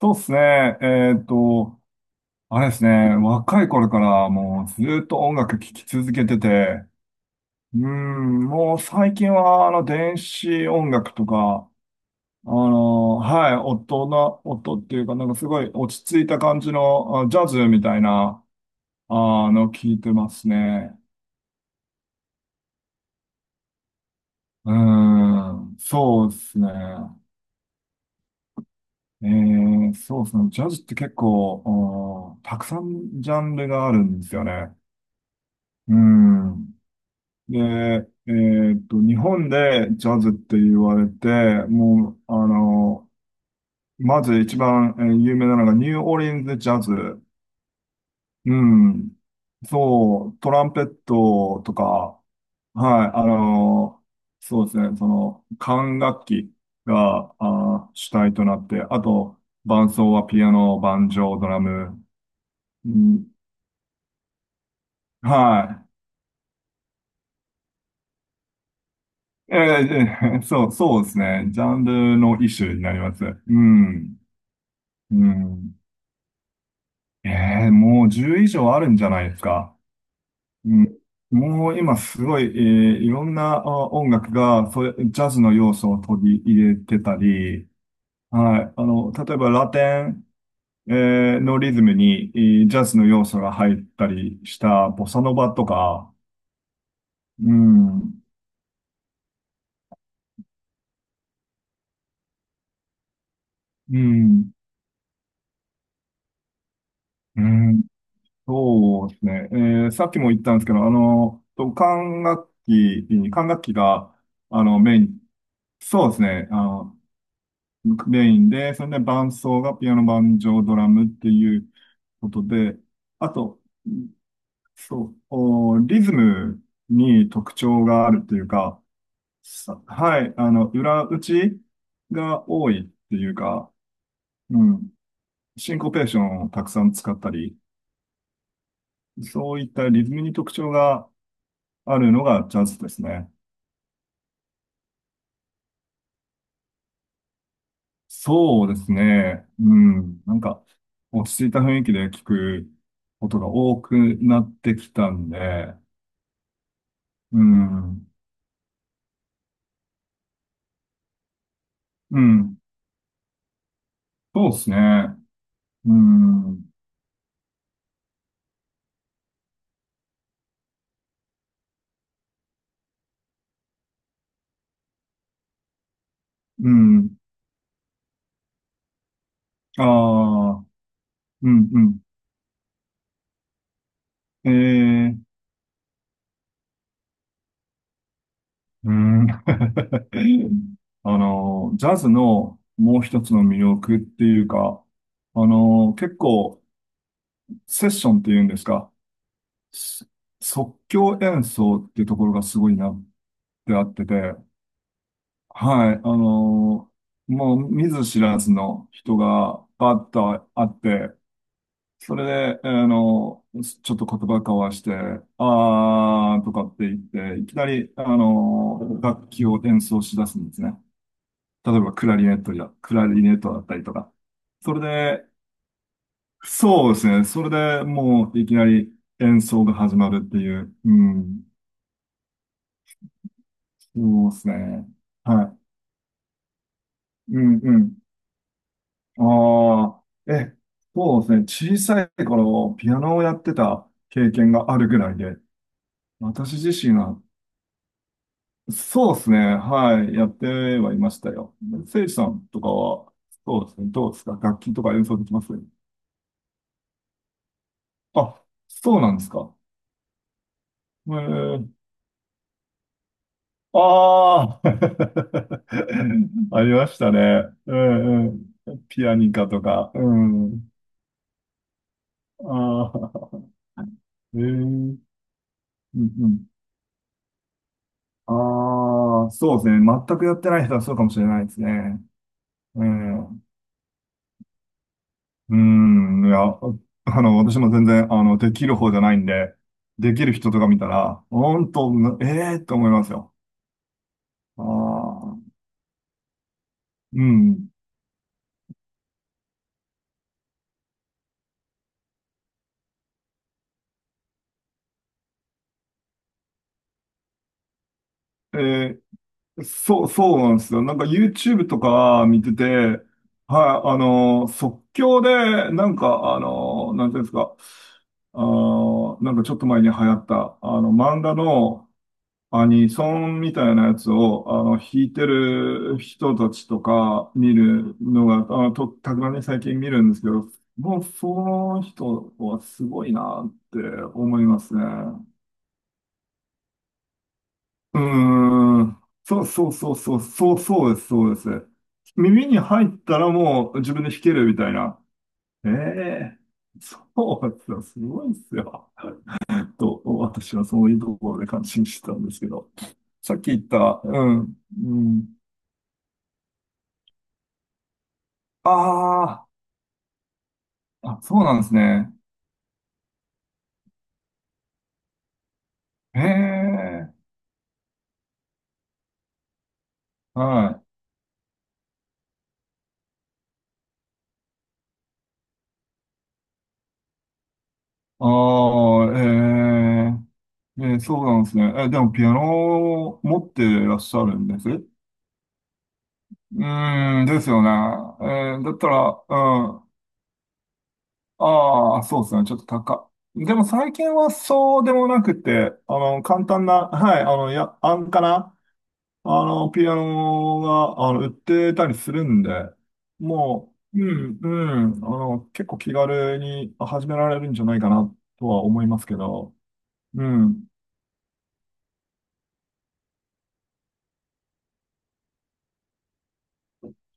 そうですね。あれですね。若い頃からもうずっと音楽聴き続けてて、うん、もう最近は電子音楽とか、はい、音っていうかなんかすごい落ち着いた感じのあジャズみたいな、聴いてますね。うん、そうですね。そうですね。ジャズって結構、うんたくさんジャンルがあるんですよね。うん。で、日本でジャズって言われて、もう、まず一番、有名なのがニューオーリンズジャズ。うん。そう、トランペットとか、はい、そうですね、その、管楽器が、主体となって、あと、伴奏はピアノ、バンジョ o ドラム。うん、はい。そう、そうですね。ジャンルの一種になります。うん。うん。えもう10以上あるんじゃないですか。うん。もう今すごい、いろんなあ音楽が、それ、ジャズの要素を取り入れてたり、はい。あの、例えばラテン、えのリズムに、ジャズの要素が入ったりしたボサノバとか、うん。うん。うん。そうですね。さっきも言ったんですけど、あの、と管楽器が、あの、メイン、そうですね。あの、メインで、それで伴奏がピアノ、banjo ドラムっていうことで、あと、そう、おリズムに特徴があるっていうか、はい、あの、裏打ちが多いっていうか、うん、シンコペーションをたくさん使ったり、そういったリズムに特徴があるのがジャズですね。そうですね。うん。なんか、落ち着いた雰囲気で聞くことが多くなってきたんで、うん。うん。そうですね。うん。うん。ああ、うん、うん。ええ、うん。あの、ジャズのもう一つの魅力っていうか、あの、結構、セッションっていうんですか、す即興演奏っていうところがすごいなってあってて、はい、もう見ず知らずの人がバッと会って、それで、ちょっと言葉交わして、あーとかって言って、いきなり、楽器を演奏し出すんですね。例えば、クラリネットだったりとか。それで、そうですね。それでもう、いきなり演奏が始まるっていう。うん。そうですね。はい。うんうん。ああ、え、そうですね。小さい頃、ピアノをやってた経験があるぐらいで、私自身はそうですね。はい。やってはいましたよ。せいじさんとかは、そうですね。どうですか楽器とか演奏できますあ、そうなんですか。えー、ああ ありましたね。うんうん。ピアニカとか。うん。ああ、えー、うんうん。ああ、そうですね。全くやってない人はそうかもしれないですね。うん。うん、いや、私も全然、できる方じゃないんで、できる人とか見たら、本当、ええー、と思いますよ。ああ、うん。えーそう、そうなんですよ。なんか YouTube とか見てて、はい、即興で、なんか、あの、なんていうんですか、なんかちょっと前に流行った、あの、漫画の、アニソンみたいなやつを、弾いてる人たちとか見るのが、あの、と、たまに最近見るんですけど、もう、その人はすごいなって思いますね。うーん。そうそうそうそう、そうそうです、そうです。耳に入ったらもう自分で弾けるみたいな。ええそうですよ、すごいですよ。と、私はそういうところで感心してたんですけど。さっき言った、うん、うん。ああ、あ、そうなんですね。へえ、はい。ああ、ええ、ええ、そうなんですね。え、でもピアノを持ってらっしゃるんですうーん、ですよね。えーだったら、うん、ああ、そうですね。ちょっと高。でも最近はそうでもなくて、簡単な、はい、あの、や、安価な、ピアノが、売ってたりするんで、もう、うん、うん、結構気軽に始められるんじゃないかなとは思いますけど、うん。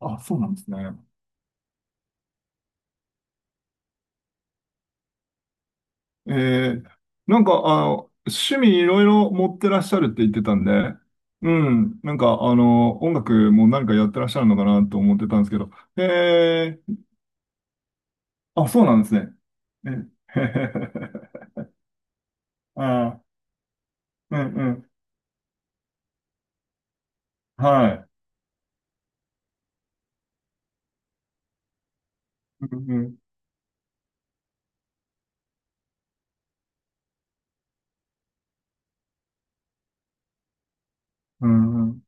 あ、そうなんですね。えー、なんか、趣味いろいろ持ってらっしゃるって言ってたんで、うん、なんか、音楽も何かやってらっしゃるのかなと思ってたんですけど、えー、あ、そうなんですね。え、あー、うん、うん、はい。うん、うん、うん、うん。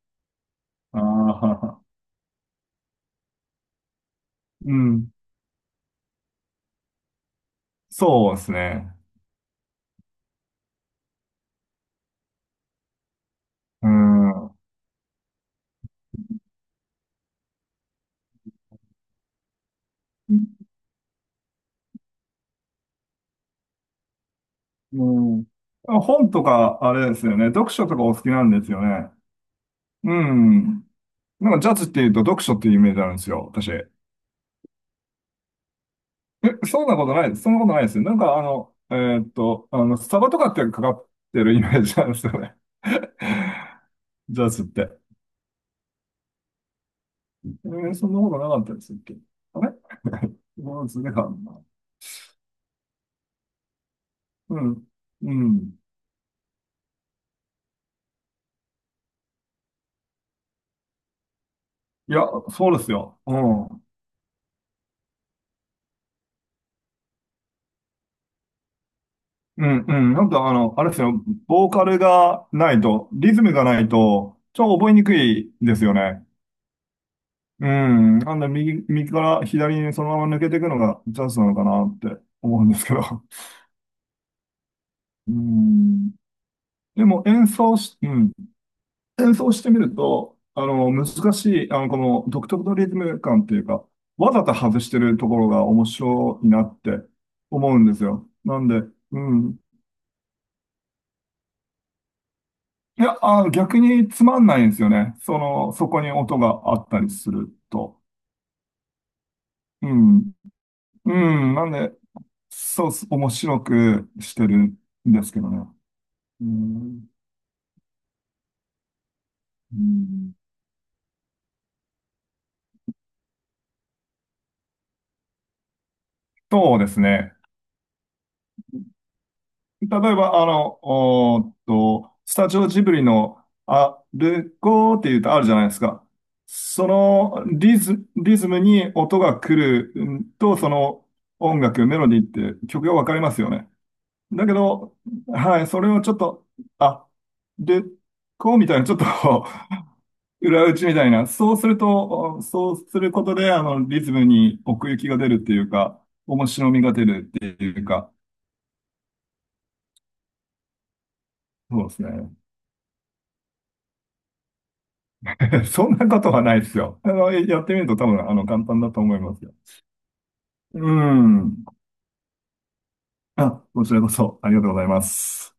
ああ、うん。そうですね。うん。うん。あ本とか、あれですよね。読書とかお好きなんですよね。うん。なんかジャズっていうと読書っていうイメージあるんですよ、私。え、そんなことないです。そんなことないですよ。なんかあの、あの、スタバとかってかかってるイメージなんですよね。ジャズって。えーそんなことなかったですっけあれ もうずれかな。うん。うん。いや、そうですよ。うん。うん、うん。なんかあの、あれですよ。ボーカルがないと、リズムがないと、ちょっと覚えにくいですよね。うん。なんで右から左にそのまま抜けていくのがチャンスなのかなって思うんですけど。うん。でも演奏し、うん。演奏してみると、難しい、この独特のリズム感っていうか、わざと外してるところが面白いなって思うんですよ。なんで、うん。いや、逆につまんないんですよね。その、そこに音があったりすると。うん。うん。なんで、そうっす、面白くしてるんですけどね。うん。うんそうですね。例えば、おーっと、スタジオジブリの、あ、ルゴーって言うとあるじゃないですか。そのリズムに音が来るうんと、その音楽、メロディーって曲がわかりますよね。だけど、はい、それをちょっと、あ、で、こうみたいな、ちょっと 裏打ちみたいな、そうすると、そうすることで、リズムに奥行きが出るっていうか、面白みが出るっていうか、そうですね。そんなことはないですよ。やってみると多分、簡単だと思いますよ。うん。あ、こちらこそ、ありがとうございます。